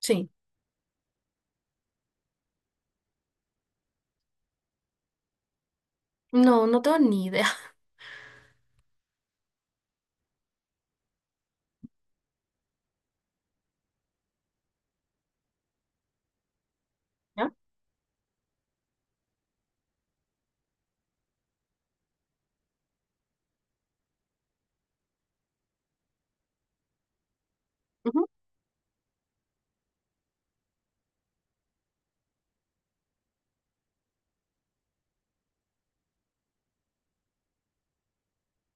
Sí, no, no tengo ni idea. ¿Ya? Ujú.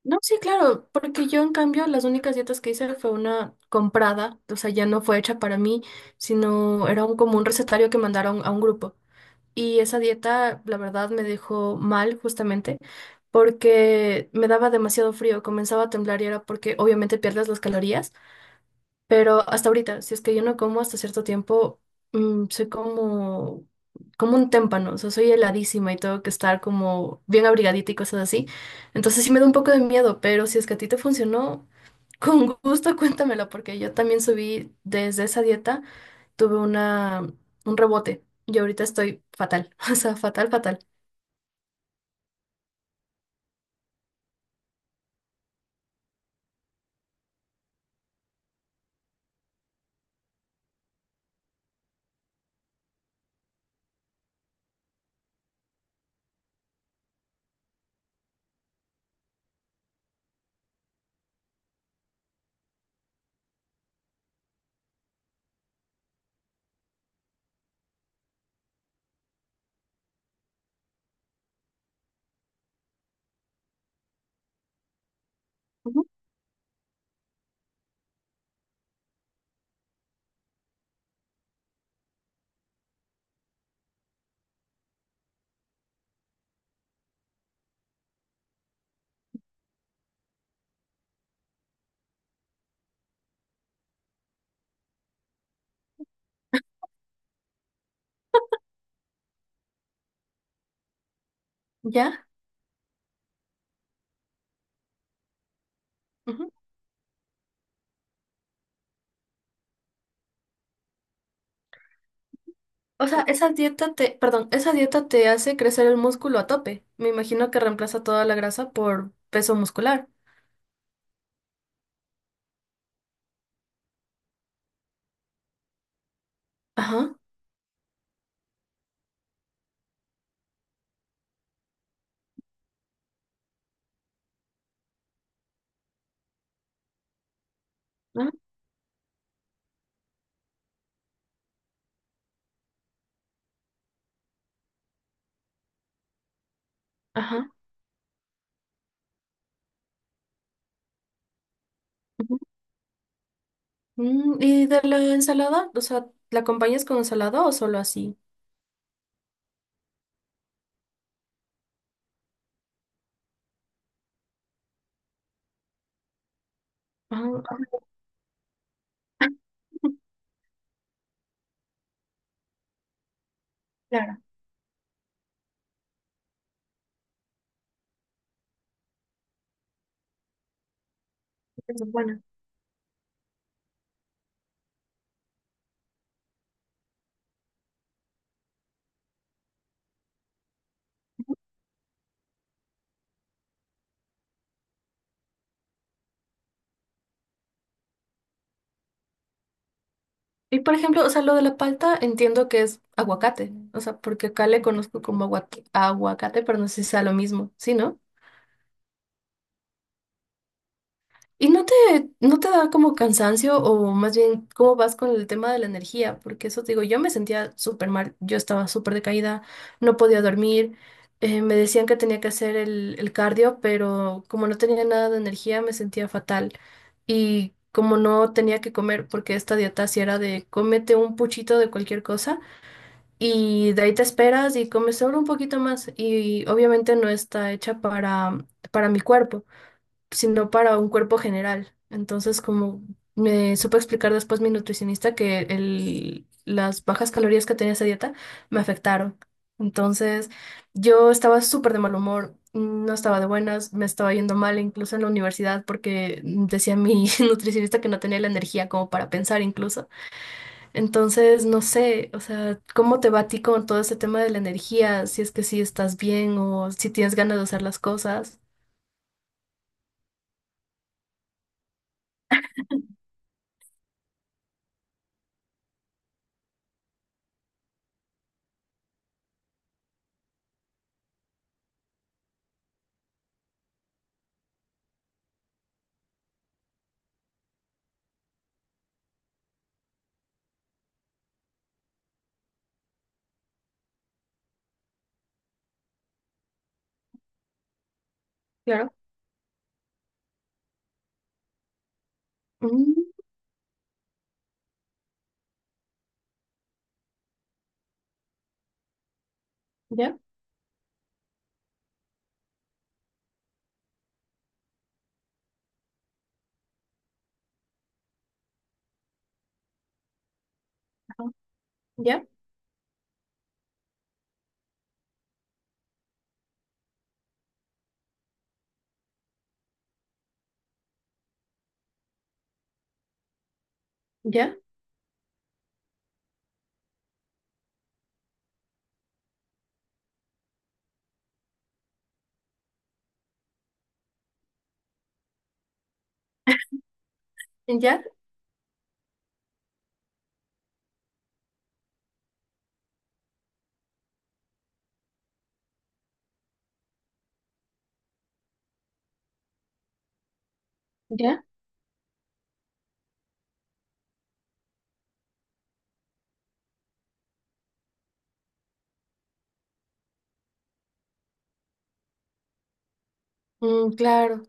No, sí, claro, porque yo en cambio las únicas dietas que hice fue una comprada, o sea, ya no fue hecha para mí, como un recetario que mandaron a un grupo. Y esa dieta, la verdad, me dejó mal justamente porque me daba demasiado frío, comenzaba a temblar y era porque obviamente pierdes las calorías. Pero hasta ahorita, si es que yo no como hasta cierto tiempo, soy como un témpano, o sea, soy heladísima y tengo que estar como bien abrigadita y cosas así. Entonces sí me da un poco de miedo, pero si es que a ti te funcionó, con gusto cuéntamelo, porque yo también subí desde esa dieta, tuve una, un rebote y ahorita estoy fatal, o sea, fatal, fatal. ¿Ya? Ujú. O sea, perdón, esa dieta te hace crecer el músculo a tope. Me imagino que reemplaza toda la grasa por peso muscular. Ajá, ah, ajá. Ujú. Mm, ¿y de la ensalada? O sea, ¿la acompañas con ensalada o solo así? Ajá, ajá. Claro, es buena. Y por ejemplo, o sea, lo de la palta entiendo que es aguacate, o sea, porque acá le conozco como aguac- aguacate, pero no sé si sea lo mismo, ¿sí, no? ¿Y no te, no te da como cansancio o más bien cómo vas con el tema de la energía? Porque eso te digo, yo me sentía súper mal, yo estaba súper decaída, no podía dormir, me decían que tenía que hacer el cardio, pero como no tenía nada de energía me sentía fatal. Y como no tenía que comer, porque esta dieta sí era de cómete un puchito de cualquier cosa y de ahí te esperas y comes solo un poquito más y obviamente no está hecha para mi cuerpo sino para un cuerpo general. Entonces, como me supo explicar después mi nutricionista que las bajas calorías que tenía esa dieta me afectaron. Entonces, yo estaba súper de mal humor, no estaba de buenas, me estaba yendo mal incluso en la universidad porque decía mi nutricionista que no tenía la energía como para pensar incluso. Entonces, no sé, o sea, ¿cómo te va a ti con todo ese tema de la energía? Si es que sí estás bien o si tienes ganas de hacer las cosas. Claro. Mm. ¿Ya? Ya, ya, ya, ya. Mm, claro.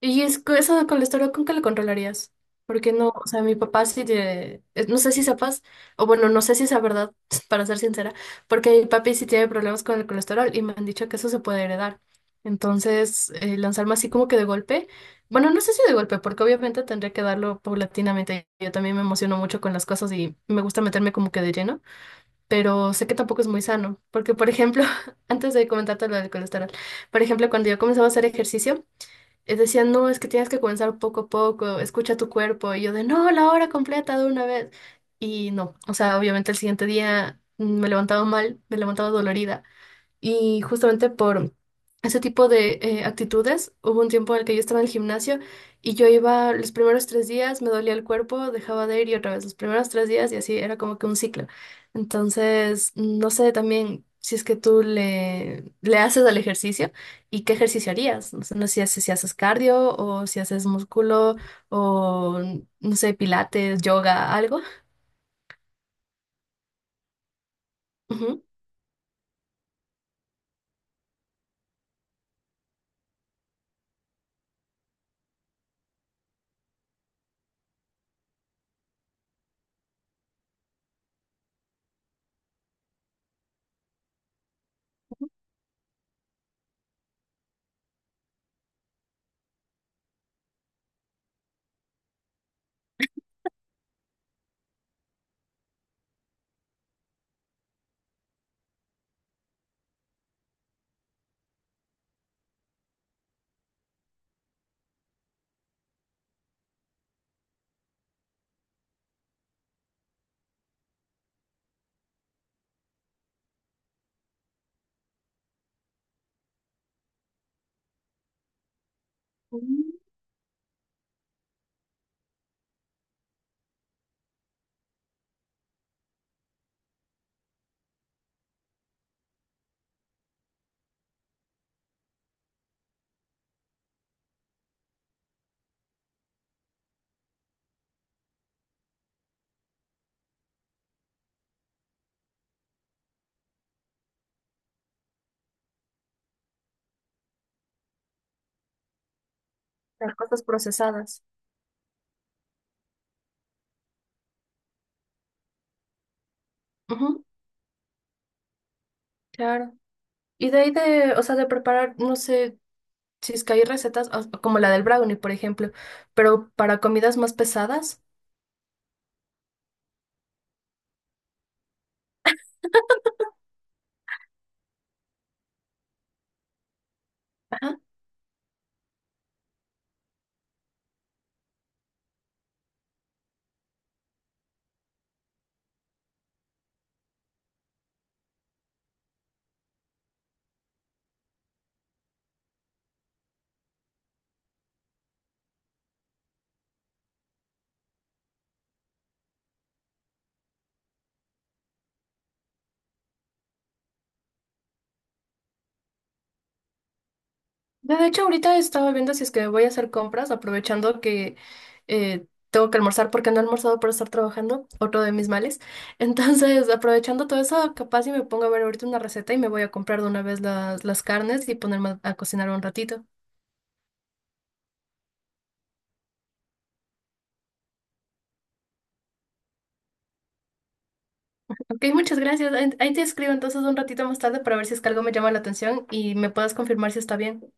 Y es que eso con el estómago, ¿con qué lo controlarías? Porque no, o sea, mi papá sí tiene, no sé si sepas, o bueno, no sé si es verdad, para ser sincera, porque mi papi sí tiene problemas con el colesterol y me han dicho que eso se puede heredar. Entonces, lanzarme así como que de golpe, bueno, no sé si de golpe, porque obviamente tendría que darlo paulatinamente. Yo también me emociono mucho con las cosas y me gusta meterme como que de lleno. Pero sé que tampoco es muy sano, porque por ejemplo, antes de comentarte lo del colesterol, por ejemplo, cuando yo comenzaba a hacer ejercicio, decían, no, es que tienes que comenzar poco a poco, escucha tu cuerpo, y yo de, no, la hora completa de una vez, y no, o sea, obviamente el siguiente día me levantaba mal, me levantaba dolorida, y justamente por ese tipo de actitudes, hubo un tiempo en el que yo estaba en el gimnasio y yo iba los primeros tres días, me dolía el cuerpo, dejaba de ir y otra vez los primeros tres días y así era como que un ciclo. Entonces, no sé también si es que le haces al ejercicio y qué ejercicio harías. No sé, no sé si, si haces cardio o si haces músculo o, no sé, pilates, yoga, algo. Ujú. Mm. Las cosas procesadas. Ujú, claro. Y o sea, de preparar, no sé si es que hay recetas o- como la del brownie, por ejemplo, pero para comidas más pesadas. Ajá. De hecho, ahorita estaba viendo si es que voy a hacer compras, aprovechando que tengo que almorzar porque no he almorzado por estar trabajando, otro de mis males. Entonces, aprovechando todo eso, capaz y me pongo a ver ahorita una receta y me voy a comprar de una vez las carnes y ponerme a cocinar un ratito. Ok, muchas gracias. Ahí ahí te escribo entonces un ratito más tarde para ver si es que algo me llama la atención y me puedas confirmar si está bien.